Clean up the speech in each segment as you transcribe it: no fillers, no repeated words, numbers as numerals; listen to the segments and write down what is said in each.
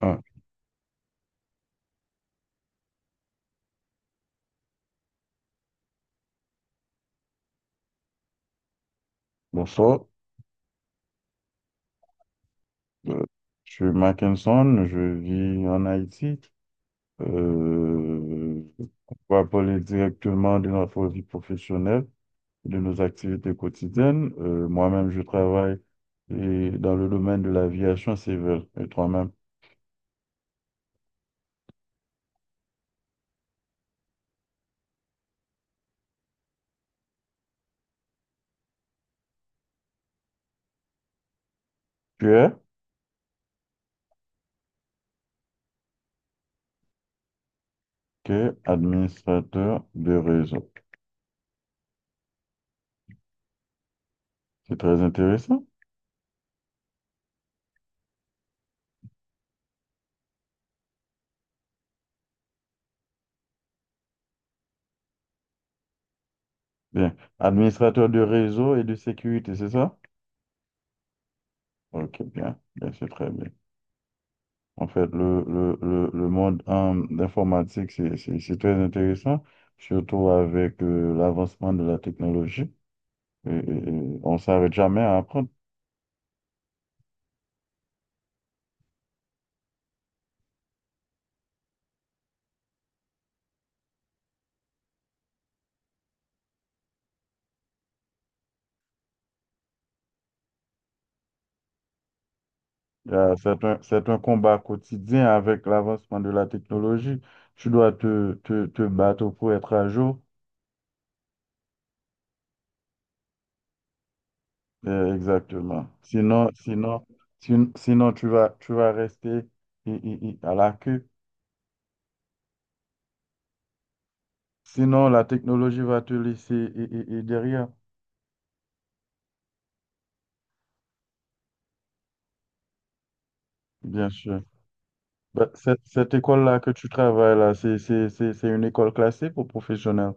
Ah, bonsoir. Euh, je suis Mackinson, je vis en Haïti. Euh, on va parler directement de notre vie professionnelle, de nos activités quotidiennes. Moi-même, je travaille et dans le domaine de l'aviation civile. Et toi-même, tu es tu es administrateur de réseau. C'est très intéressant. Bien. Administrateur de réseau et de sécurité, c'est ça? Ok, bien. Bien, c'est très bien. En fait, le monde d'informatique, c'est très intéressant, surtout avec l'avancement de la technologie. Et, et- et on ne s'arrête jamais à apprendre. C'est un combat quotidien avec l'avancement de la technologie. Tu dois te battre pour être à jour. Exactement. Sinon tu vas rester à la queue. Sinon, la technologie va te laisser i- i- i derrière, bien sûr. Bah, cette école-là que tu travailles là, c'est une école classée pour professionnels.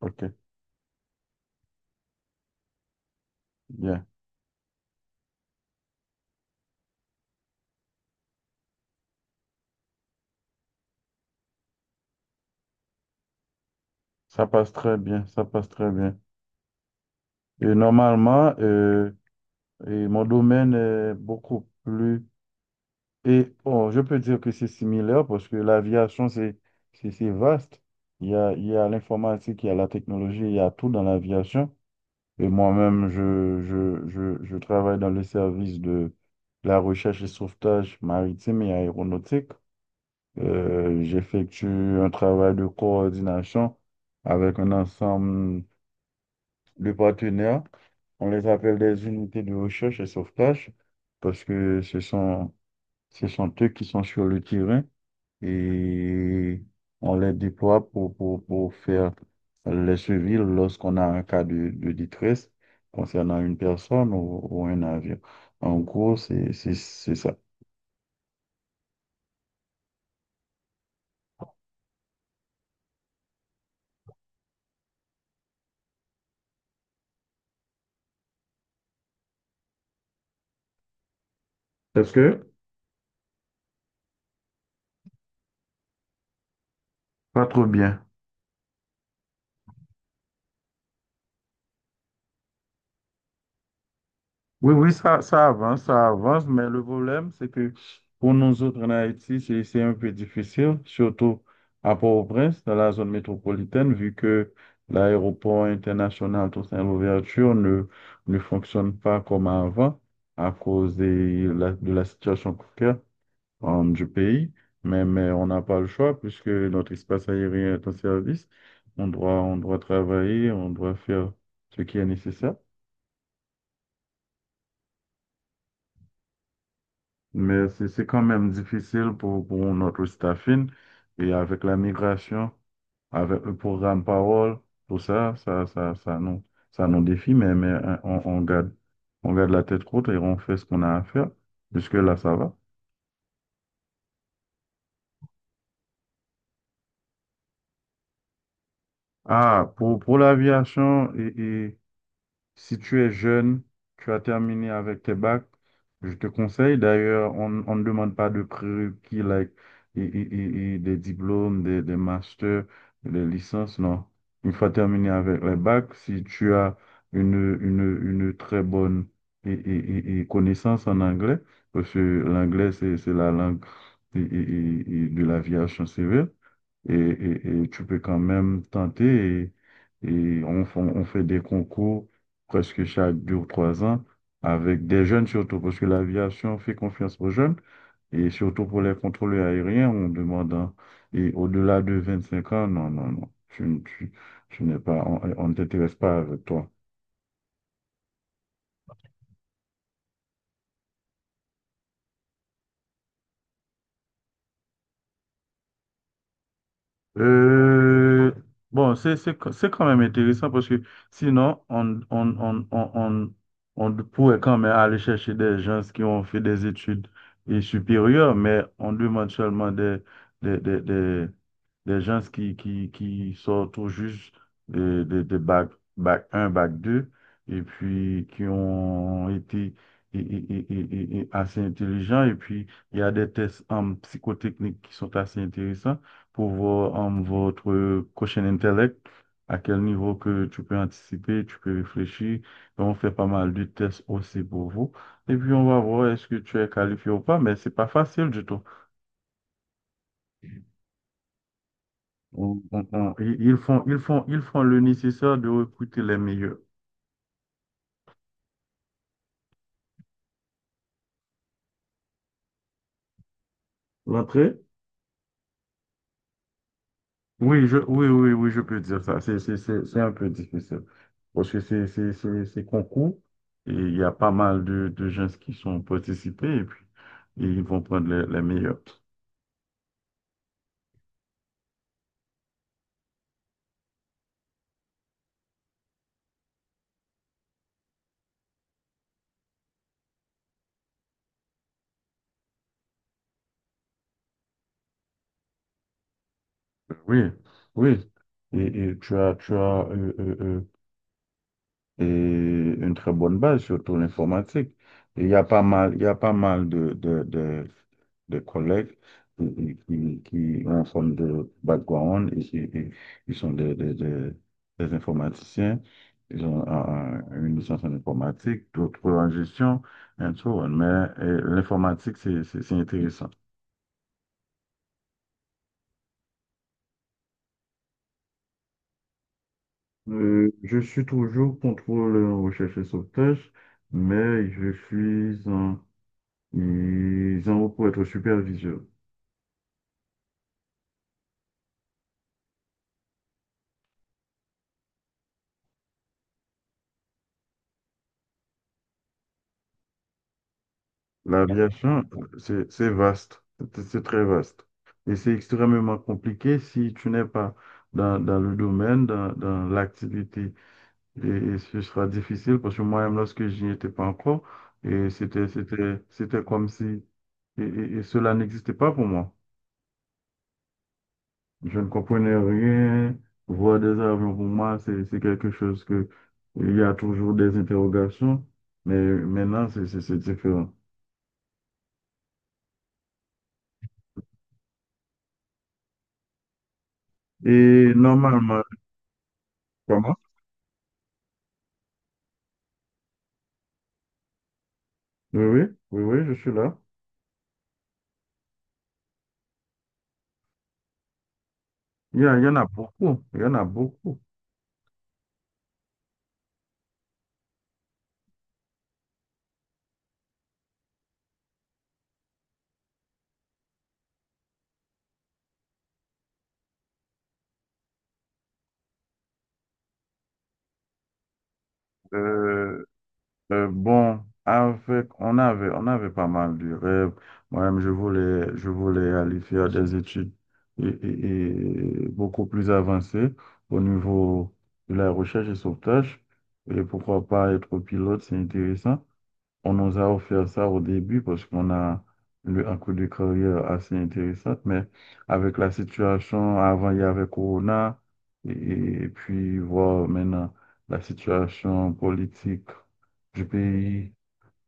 OK, bien. Ça passe très bien, ça passe très bien. Et normalement, et mon domaine est beaucoup plus. Et bon, je peux dire que c'est similaire parce que l'aviation, c'est vaste. Il y a l'informatique, il y a la technologie, il y a tout dans l'aviation. Et moi-même, je travaille dans le service de la recherche et sauvetage maritime et aéronautique. J'effectue un travail de coordination avec un ensemble de partenaires. On les appelle des unités de recherche et sauvetage parce que ce sont eux qui sont sur le terrain et on les déploie pour faire les suivis lorsqu'on a un cas de détresse concernant une personne ou un avion. En gros, c'est ça. Est-ce que? Pas trop bien. Oui, oui, ça avance, mais le problème, c'est que pour nous autres en Haïti, c'est un peu difficile, surtout à Port-au-Prince, dans la zone métropolitaine, vu que l'aéroport international Toussaint Louverture ne fonctionne pas comme avant à cause de la situation précaire du pays. Mais on n'a pas le choix, puisque notre espace aérien est en service. On doit travailler, on doit faire ce qui est nécessaire. Mais c'est quand même difficile pour notre staffing. Et avec la migration, avec le programme Parole, tout ça nous défie, mais, on garde la tête haute et on fait ce qu'on a à faire. Jusque-là, ça va. Ah, pour l'aviation, si tu es jeune, tu as terminé avec tes bacs, je te conseille. D'ailleurs, on ne demande pas de prérequis, like, et des diplômes, des masters, des licences, non. Une fois terminé avec les bacs, si tu as une, une, une très bonne et connaissance en anglais, parce que l'anglais, c'est la langue et- et- et de l'aviation civile, et tu peux quand même tenter on fait des concours presque chaque deux ou trois ans avec des jeunes surtout parce que l'aviation fait confiance aux jeunes et surtout pour les contrôleurs aériens on demande et au-delà de 25 ans, non non non, tu n'es pas. On ne t'intéresse pas avec toi. Euh, bon, c'est quand même intéressant parce que sinon, on pourrait quand même aller chercher des gens qui ont fait des études et supérieures, mais on demande seulement des, des, des, des gens qui sortent tout juste de bac, bac un bac 2 et puis qui ont été et assez intelligents. Et puis, il y a des tests en psychotechnique qui sont assez intéressants pour voir votre prochain intellect, à quel niveau que tu peux anticiper, tu peux réfléchir. Donc, on fait pas mal de tests aussi pour vous. Et puis, on va voir est-ce que tu es qualifié ou pas, mais c'est pas facile du tout. Ils font le nécessaire de recruter les meilleurs. L'entrée? Oui, oui, oui, oui, je peux dire ça. C'est un peu difficile. Parce que c'est concours et il y a pas mal de gens qui sont participés et puis ils vont prendre les meilleurs. Oui, oui. Et tu as, et une très bonne base, surtout l'informatique. Il y a pas mal de collègues qui ont une forme de background et qui sont des informaticiens. Ils ont une licence en informatique, d'autres en gestion, and so on. Mais l'informatique, c'est intéressant. Je suis toujours contrôleur en recherche et sauvetage, mais je suis en. Ils en ont pour être superviseurs. D'accord. L'aviation, c'est vaste, c'est très vaste. Et c'est extrêmement compliqué si tu n'es pas dans le domaine, dans l'activité. Et ce sera difficile parce que moi-même, lorsque j'y étais pas encore, et c'était comme si et cela n'existait pas pour moi. Je ne comprenais rien. Voir des avions, pour moi, c'est quelque chose que il y a toujours des interrogations, mais maintenant, c'est différent. Et normalement, comment? Oui, oui, oui, oui, je suis là. Il y en a beaucoup, il y en a beaucoup. Euh, bon, on avait pas mal de rêves. Moi-même, je voulais aller faire des études et beaucoup plus avancées au niveau de la recherche et sauvetage. Et pourquoi pas être pilote, c'est intéressant. On nous a offert ça au début parce qu'on a eu un coup de carrière assez intéressant, mais avec la situation, avant il y avait Corona, et, et puis voir maintenant la situation politique du pays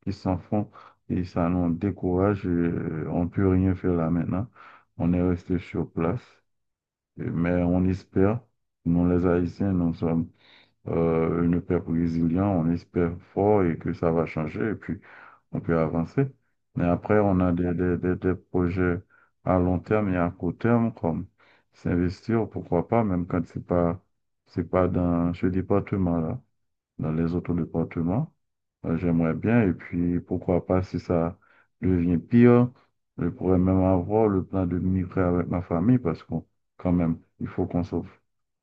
qui s'en font, et ça nous décourage, et on peut rien faire là maintenant. On est resté sur place, mais on espère, nous les Haïtiens, nous sommes un peuple résilient, on espère fort et que ça va changer, et puis on peut avancer. Mais après, on a des projets à long terme et à court terme, comme s'investir, pourquoi pas, même quand c'est pas dans ce département-là, dans les autres départements. J'aimerais bien, et puis pourquoi pas, si ça devient pire, je pourrais même avoir le plan de migrer avec ma famille, parce qu'on, quand même, il faut qu'on sauve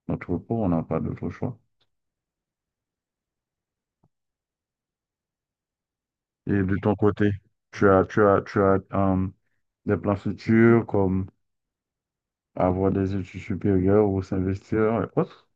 notre peau, on n'a pas d'autre choix. Et de ton côté, tu as, des plans futurs comme avoir des études supérieures ou s'investir et autres.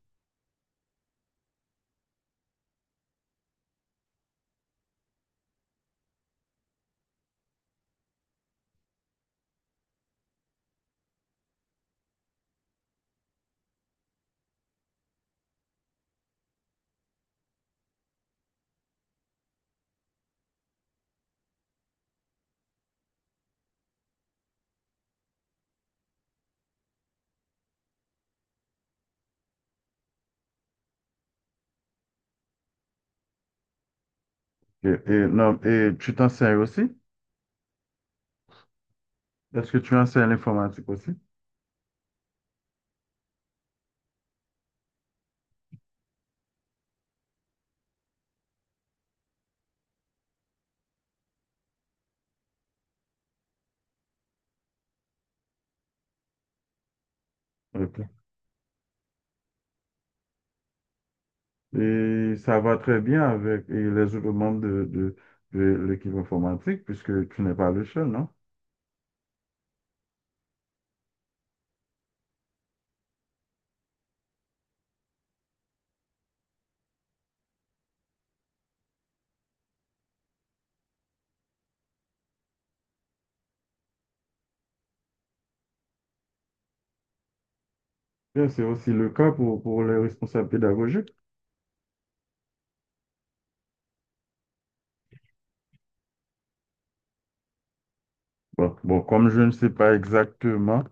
Et non, et tu t'enseignes aussi? Est-ce que tu enseignes l'informatique aussi? Ok. Et ça va très bien avec et les autres membres de l'équipe informatique, puisque tu n'es pas le seul, non? Bien, c'est aussi le cas pour les responsables pédagogiques. Comme je ne sais pas exactement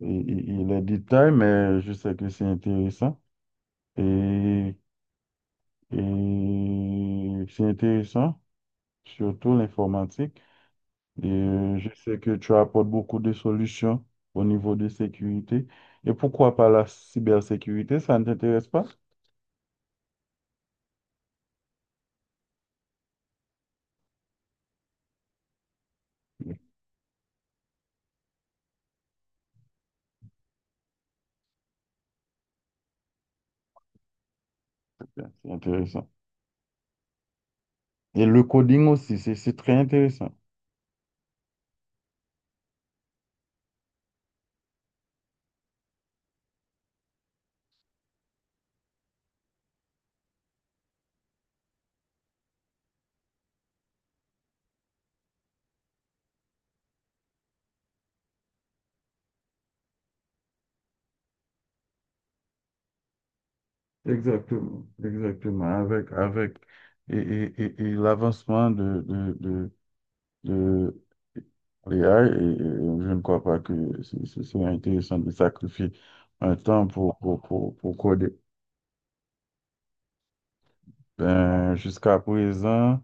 et les détails, mais je sais que c'est intéressant. Et, et c'est intéressant, surtout l'informatique. Et je sais que tu apportes beaucoup de solutions au niveau de sécurité. Et pourquoi pas la cybersécurité, ça ne t'intéresse pas? Bien, c'est intéressant. Et le coding aussi, c'est très intéressant. Exactement, exactement. Avec, et l'avancement de l'IA, et je ne crois pas que ce serait intéressant de sacrifier un temps pour coder. Ben, jusqu'à présent,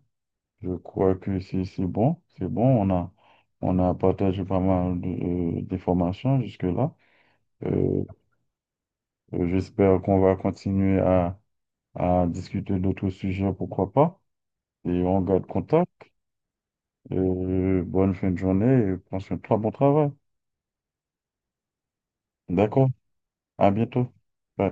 je crois que c'est bon, c'est bon. On a partagé pas mal d'informations jusque-là. Euh, J'espère qu'on va continuer à discuter d'autres sujets, pourquoi pas. Et on garde contact. Bonne fin de journée et prends soin de toi, bon travail. D'accord, à bientôt. Bye.